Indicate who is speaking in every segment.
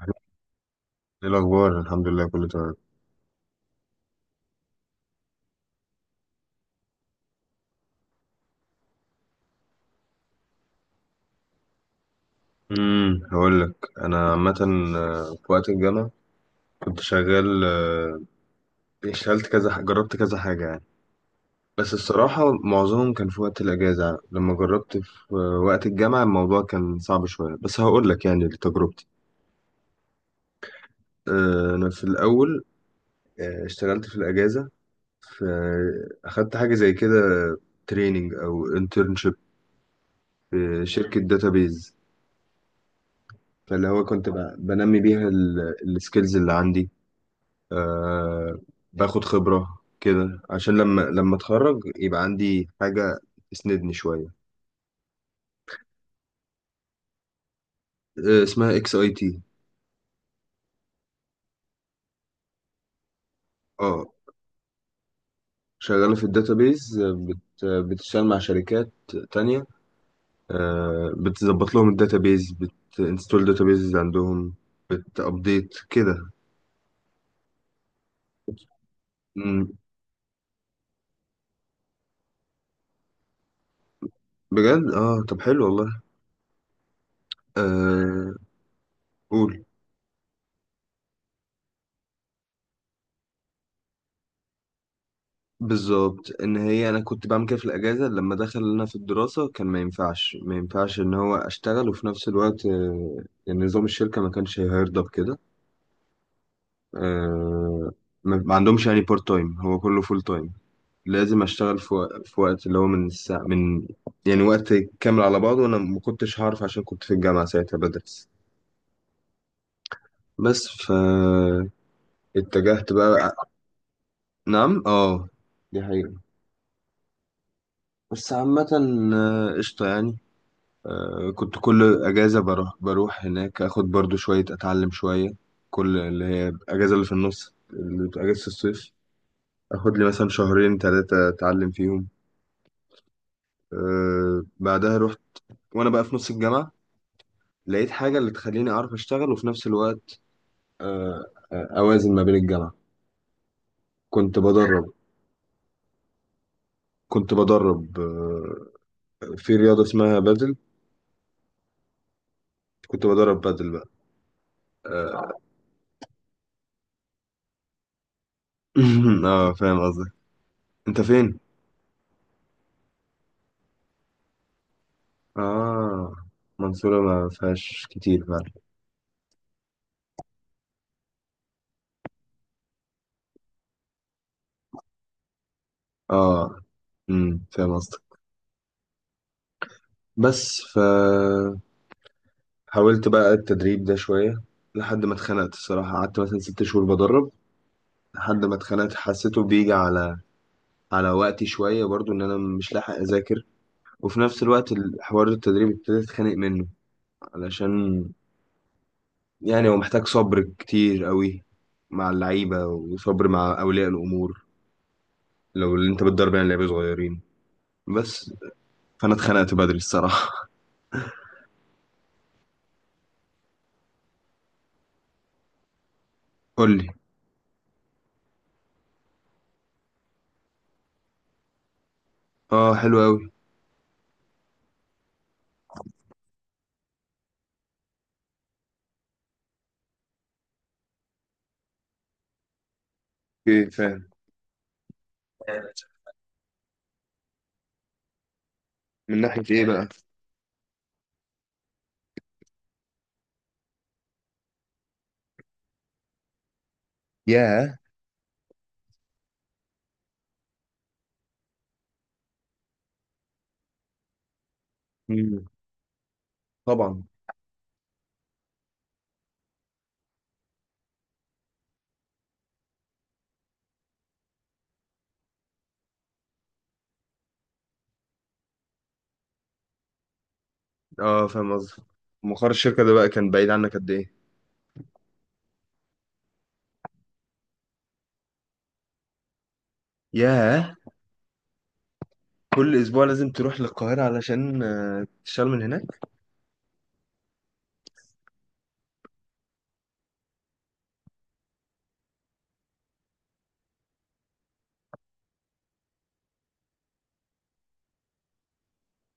Speaker 1: ايه الاخبار، الحمد لله كله تمام. هقول لك. انا عامه. في وقت الجامعه كنت شغال. اشتغلت كذا جربت كذا حاجه يعني. بس الصراحه معظمهم كان في وقت الاجازه يعني. لما جربت في وقت الجامعه الموضوع كان صعب شويه، بس هقول لك يعني تجربتي. انا في الاول اشتغلت في الاجازه. في اخدت حاجه زي كده، تريننج او انترنشيب في شركه داتابيز. فاللي هو كنت بنمي بيها السكيلز اللي عندي. آه باخد خبرة كده عشان لما اتخرج يبقى عندي حاجة تسندني شوية. اسمها XAT. اه، شغالة في الداتابيز. بتشتغل مع شركات تانية. بتظبط لهم الداتابيز، بتنستول داتابيز عندهم، بتابديت كده. مم. بجد اه، طب حلو والله. آه قول. بالظبط ان هي انا كنت بعمل كده في الاجازه. لما دخل لنا في الدراسه كان ما ينفعش ان هو اشتغل وفي نفس الوقت. يعني نظام الشركه ما كانش هيرضى بكده. آه، ما عندهمش يعني بارت تايم، هو كله فول تايم. لازم اشتغل في وقت اللي هو من الساعه، من، يعني وقت كامل على بعضه، وانا ما كنتش هعرف عشان كنت في الجامعه ساعتها بدرس. بس اتجهت بقى. نعم اه، دي حقيقه. بس عامه، قشطه يعني. كنت كل اجازه بروح هناك، اخد برضو شويه اتعلم شويه. كل اللي هي الاجازه اللي في النص اللي بتبقى اجازه الصيف. اخد لي مثلا شهرين ثلاثه اتعلم فيهم. بعدها رحت وانا بقى في نص الجامعه. لقيت حاجه اللي تخليني اعرف اشتغل وفي نفس الوقت أه آه، اوازن ما بين الجامعه. كنت بدرب. كنت بدرب في رياضه اسمها بادل. كنت بدرب بادل بقى. اه. فاهم قصدك. انت فين؟ اه، منصوره ما فيهاش كتير فعلا. اه، فاهم قصدك. بس حاولت بقى التدريب ده شوية لحد ما اتخنقت. الصراحة قعدت مثلا 6 شهور بدرب لحد ما اتخنقت. حسيته بيجي على وقتي شوية، برضو إن أنا مش لاحق أذاكر. وفي نفس الوقت الحوار التدريب ابتديت أتخانق منه علشان يعني هو محتاج صبر كتير قوي مع اللعيبة، وصبر مع أولياء الأمور لو اللي أنت بتدرب يعني لعيبة صغيرين. بس فأنا اتخنقت بدري الصراحة. قولي. اه حلو أوي. اوكي فاهم. من ناحية إيه بقى؟ ياه. مم. طبعا. اه فاهم قصدي. مقر الشركة ده بقى كان بعيد عنك قد إيه؟ ياه، كل أسبوع لازم تروح للقاهرة علشان تشتغل من هناك؟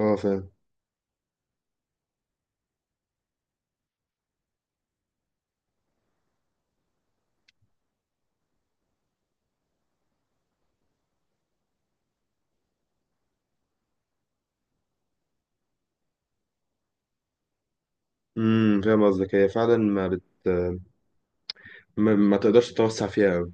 Speaker 1: اه فاهم. امم، فاهم قصدك. هي فعلا ما تقدرش تتوسع فيها أوي.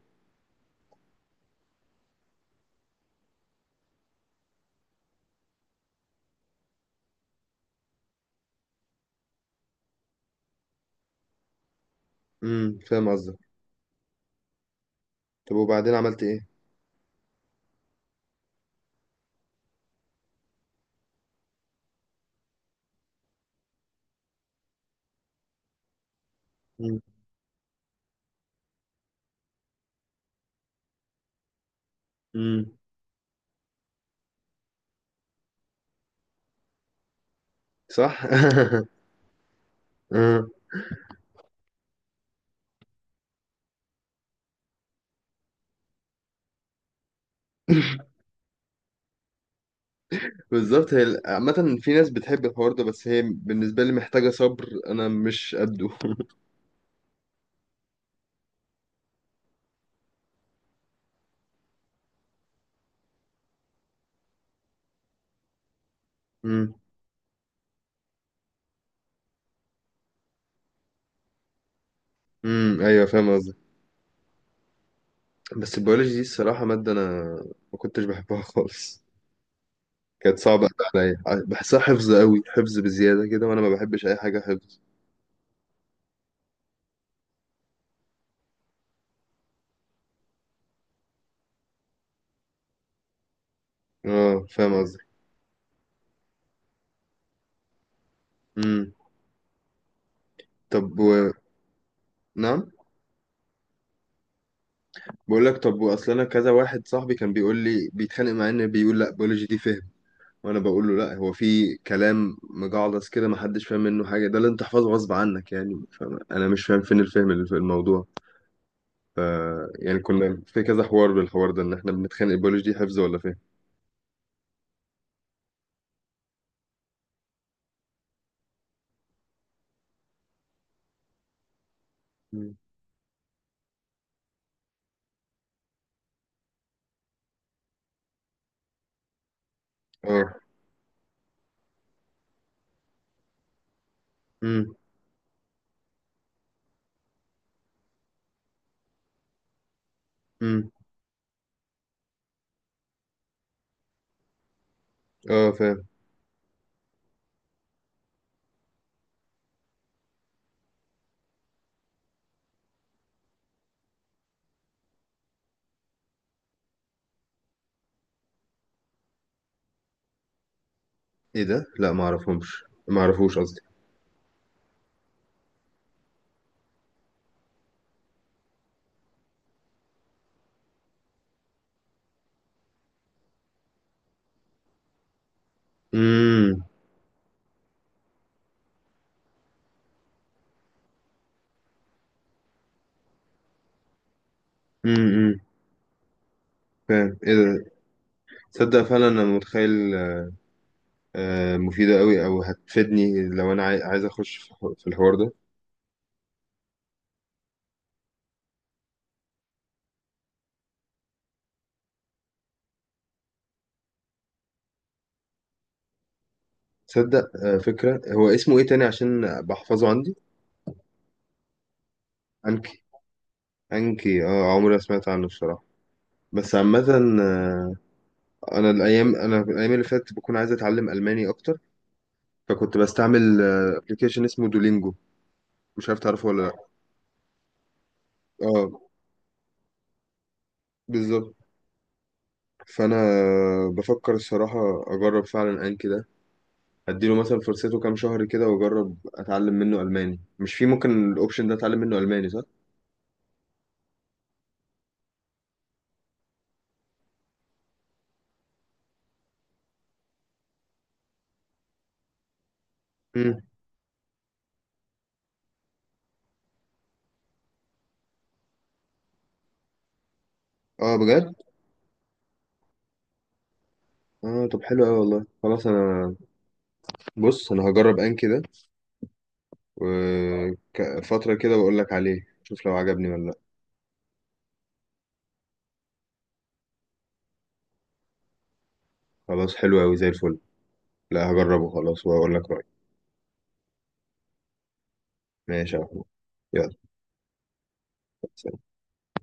Speaker 1: امم، فاهم قصدك. طب وبعدين عملت إيه؟ امم. امم. صح؟ آه. بالظبط هي عامة، في ناس بتحب الحوار ده، بس هي بالنسبة لي محتاجة صبر، أنا مش قده. امم ايوه فاهم قصدك. بس البيولوجي دي الصراحة مادة أنا ما كنتش بحبها خالص. كانت صعبة أوي عليا. بحسها حفظ قوي، حفظ بزيادة كده، وأنا ما بحبش أي حاجة حفظ. اه فاهم قصدي. امم طب. نعم. بقول لك، طب وأصل أنا كذا واحد صاحبي كان بيقول لي، بيتخانق معايا إن بيقول لا بيولوجي دي فهم، وأنا بقول له لا، هو في كلام مجعلص كده ما حدش فاهم منه حاجة، ده اللي أنت تحفظه غصب عنك، يعني فاهم، أنا مش فاهم فين الفهم اللي في الموضوع. ف يعني كنا في كذا حوار بالحوار ده إن إحنا بنتخانق، البيولوجي دي حفظ ولا فهم. مم. اه. امم امم اه فاهم. ايه ده؟ لا، ما اعرفهمش، ما اعرفوش قصدي. امم امم فاهم ايه ده. تصدق فعلا انا متخيل. مفيدة قوي، او هتفيدني لو انا عايز اخش في في الحوار ده. تصدق، فكرة. هو اسمه ايه تاني عشان بحفظه عندي؟ انكي. انكي، اه. عمري ما سمعت عنه الصراحة. بس عامة، آه، انا الايام اللي فاتت بكون عايز اتعلم الماني اكتر. فكنت بستعمل ابلكيشن اسمه دولينجو، مش عارف تعرفه ولا لا. اه، بالظبط. فانا بفكر الصراحه اجرب فعلا انكي ده، اديله مثلا فرصته كام شهر كده واجرب اتعلم منه الماني. مش في ممكن الاوبشن ده اتعلم منه الماني، صح؟ امم، اه بجد. اه طب حلو قوي والله. خلاص انا، بص انا هجرب انكي ده وفتره كده واقول لك عليه، شوف لو عجبني ولا لا. خلاص حلو قوي زي الفل. لا، هجربه خلاص واقول لك رايي. ماشي يا محمود، يلا.